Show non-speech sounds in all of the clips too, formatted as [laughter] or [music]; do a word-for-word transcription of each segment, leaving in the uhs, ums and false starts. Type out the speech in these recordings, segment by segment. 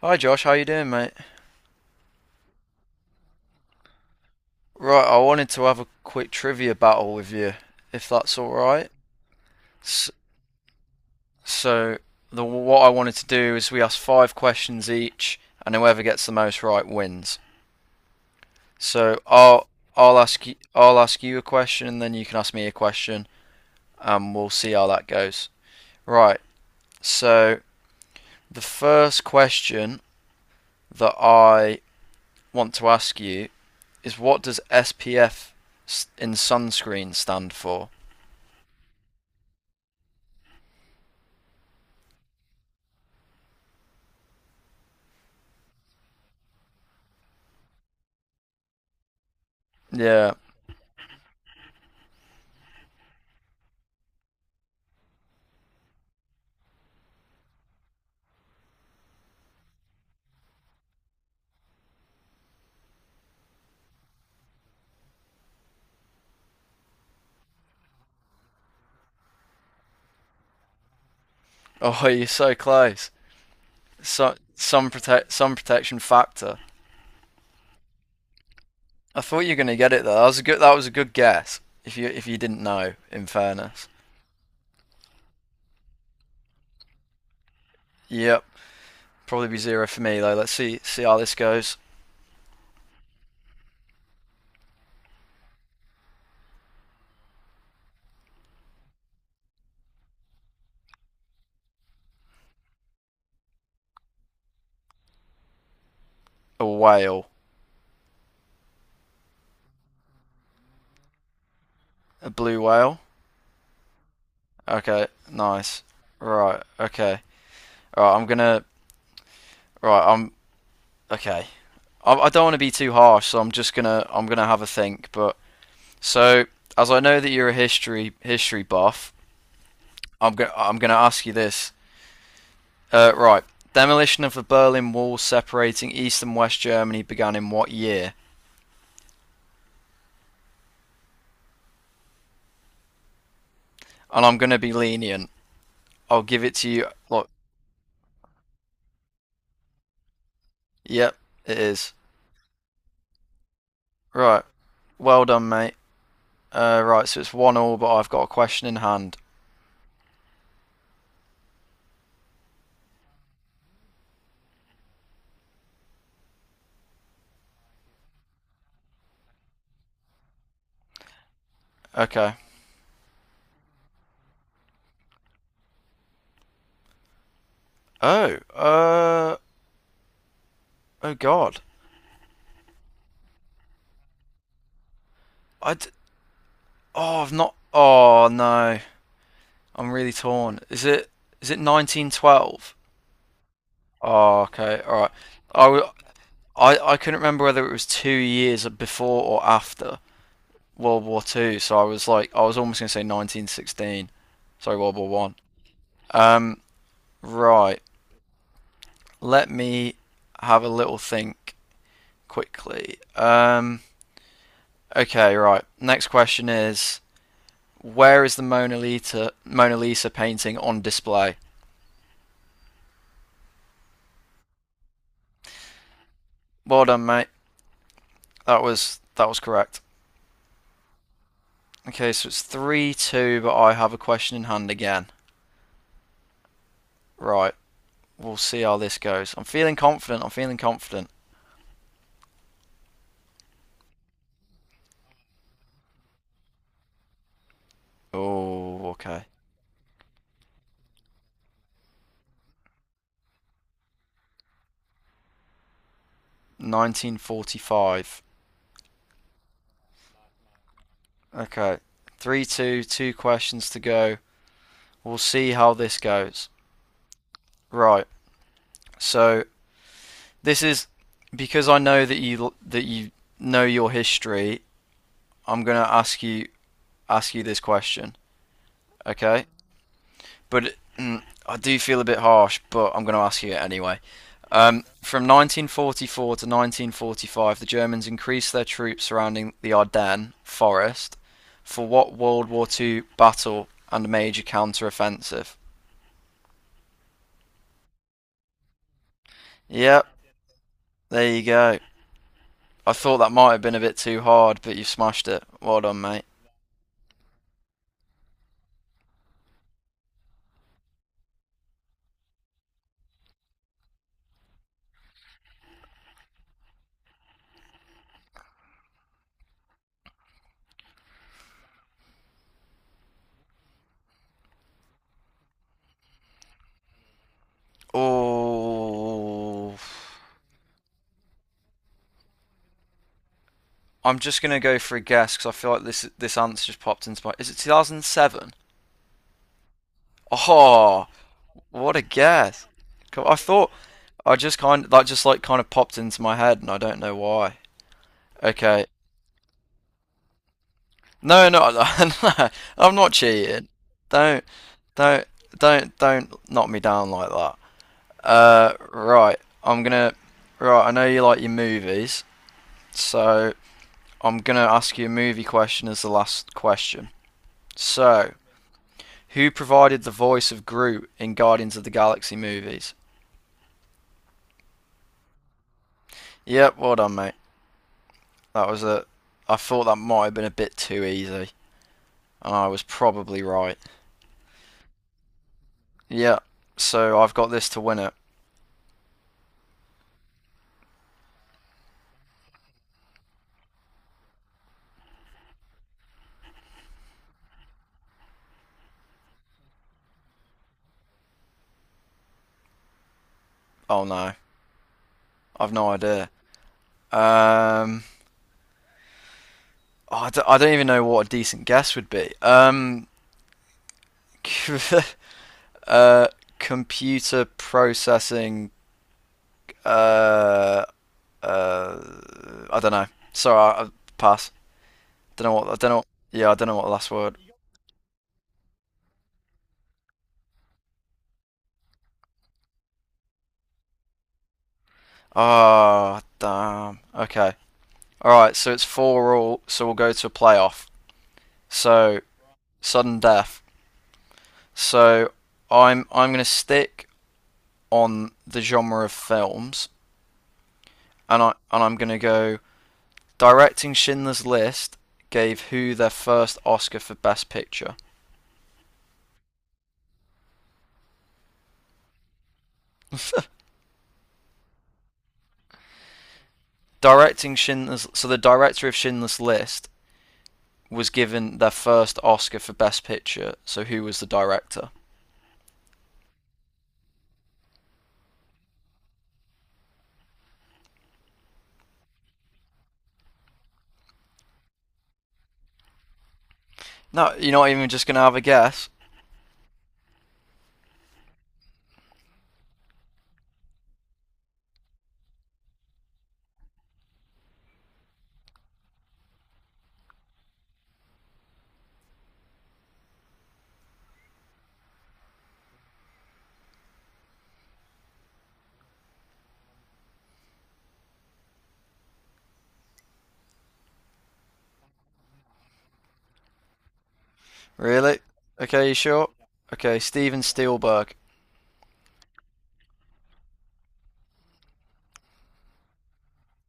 Hi Josh, how you doing, mate? Right, I wanted to have a quick trivia battle with you, if that's all right. S- So, the what I wanted to do is we ask five questions each, and whoever gets the most right wins. So I'll I'll ask you I'll ask you a question, and then you can ask me a question, and we'll see how that goes. Right. So the first question that I want to ask you is, what does S P F in sunscreen stand for? Yeah. Oh, [laughs] you're so close. So, some protect, some protection factor. I thought you were gonna get it though. That was a good. That was a good guess. If you if you didn't know, in fairness. Yep. Probably be zero for me though. Let's see see how this goes. A whale, a blue whale. Okay, nice. Right. Okay. All right. I'm gonna. Right. I'm okay. I, I don't want to be too harsh, so I'm just gonna I'm gonna have a think. But so as I know that you're a history history buff, I'm gonna I'm gonna ask you this. Uh, right. Demolition of the Berlin Wall separating East and West Germany began in what year? And I'm going to be lenient. I'll give it to you. Look, yep, it is. Right. Well done, mate. Uh, right, so it's one all, but I've got a question in hand. Okay. Oh, uh, oh God. I d- oh, I've not. Oh no, I'm really torn. Is it is it nineteen twelve? Oh, okay, all I I. I w- I, I couldn't remember whether it was two years before or after World War Two, so I was like, I was almost going to say nineteen sixteen. Sorry, World War One. Um, right. Let me have a little think quickly. Um, okay, right. Next question is, where is the Mona Lisa Mona Lisa painting on display? Well done, mate. That was that was correct. Okay, so it's three two, but I have a question in hand again. Right. We'll see how this goes. I'm feeling confident. I'm feeling confident. Oh, okay. nineteen forty-five. Okay. Three, two, two questions to go. We'll see how this goes. Right. So this is because I know that you that you know your history. I'm gonna ask you ask you this question. Okay. But mm, I do feel a bit harsh, but I'm gonna ask you it anyway. Um, from nineteen forty-four to nineteen forty-five, the Germans increased their troops surrounding the Ardennes forest for what World War two battle and major counter-offensive? Yep, there you go. I thought that might have been a bit too hard, but you smashed it. Well done, mate. Oh, I'm just gonna go for a guess because I feel like this this answer just popped into my. Is it two thousand seven? Oh, what a guess! I thought I just kind of... that just like kind of popped into my head, and I don't know why. Okay, no, no, no, [laughs] I'm not cheating. Don't, don't, don't, don't knock me down like that. Uh, right, I'm gonna. Right, I know you like your movies. So I'm going to ask you a movie question as the last question. So, who provided the voice of Groot in Guardians of the Galaxy movies? Yep, well done, mate. That was a. I thought that might have been a bit too easy, and I was probably right. Yeah, so I've got this to win it. Oh no, I've no idea. Um, oh, I, d- I don't even know what a decent guess would be. Um, [laughs] uh, Computer processing. Uh, Uh, I don't know. Sorry, I, I pass. Don't know what. I don't know. Yeah, I don't know what the last word. Ah, damn. Okay. All right. So it's four all. So we'll go to a playoff. So sudden death. So I'm I'm gonna stick on the genre of films, and I and I'm gonna go directing Schindler's List gave who their first Oscar for Best Picture. Directing Schindler's. So the director of Schindler's List was given their first Oscar for Best Picture. So who was the director? No, you're not even just gonna have a guess, really? Okay, you sure? Okay, Steven Spielberg.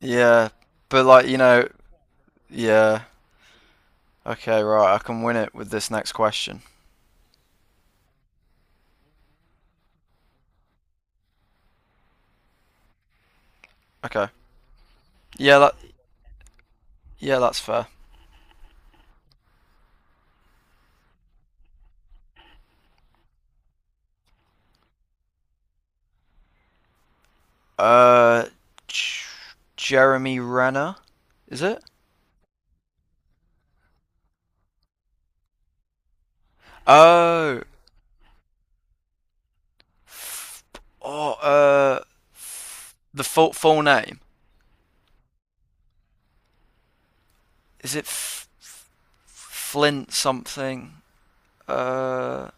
Yeah, but like you know, yeah. Okay, right. I can win it with this next question. Okay. Yeah, that yeah, that's fair. Uh, J- Jeremy Renner, is it? Oh, oh, uh, the full full name, is it F- F- Flint something? Uh,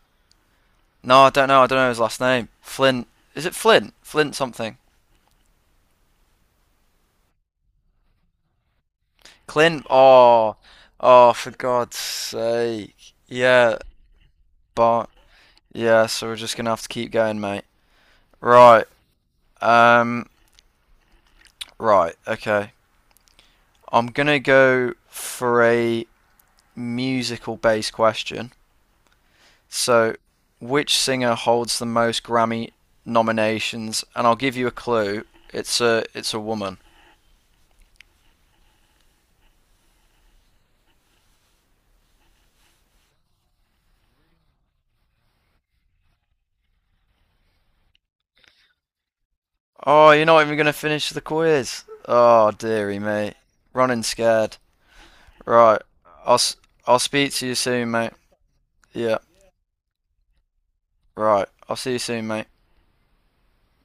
No, I don't know. I don't know his last name. Flint. Is it Flint? Flint something. Clint. Oh, oh, for God's sake. Yeah, but yeah. So we're just gonna have to keep going, mate. Right. Um. Right. Okay. I'm gonna go for a musical-based question. So, which singer holds the most Grammy nominations? And I'll give you a clue. It's a it's a woman. Oh, you're not even going to finish the quiz. Oh, dearie me. Running scared. Right. I'll, i I'll speak to you soon, mate. Yeah. Right. I'll see you soon, mate.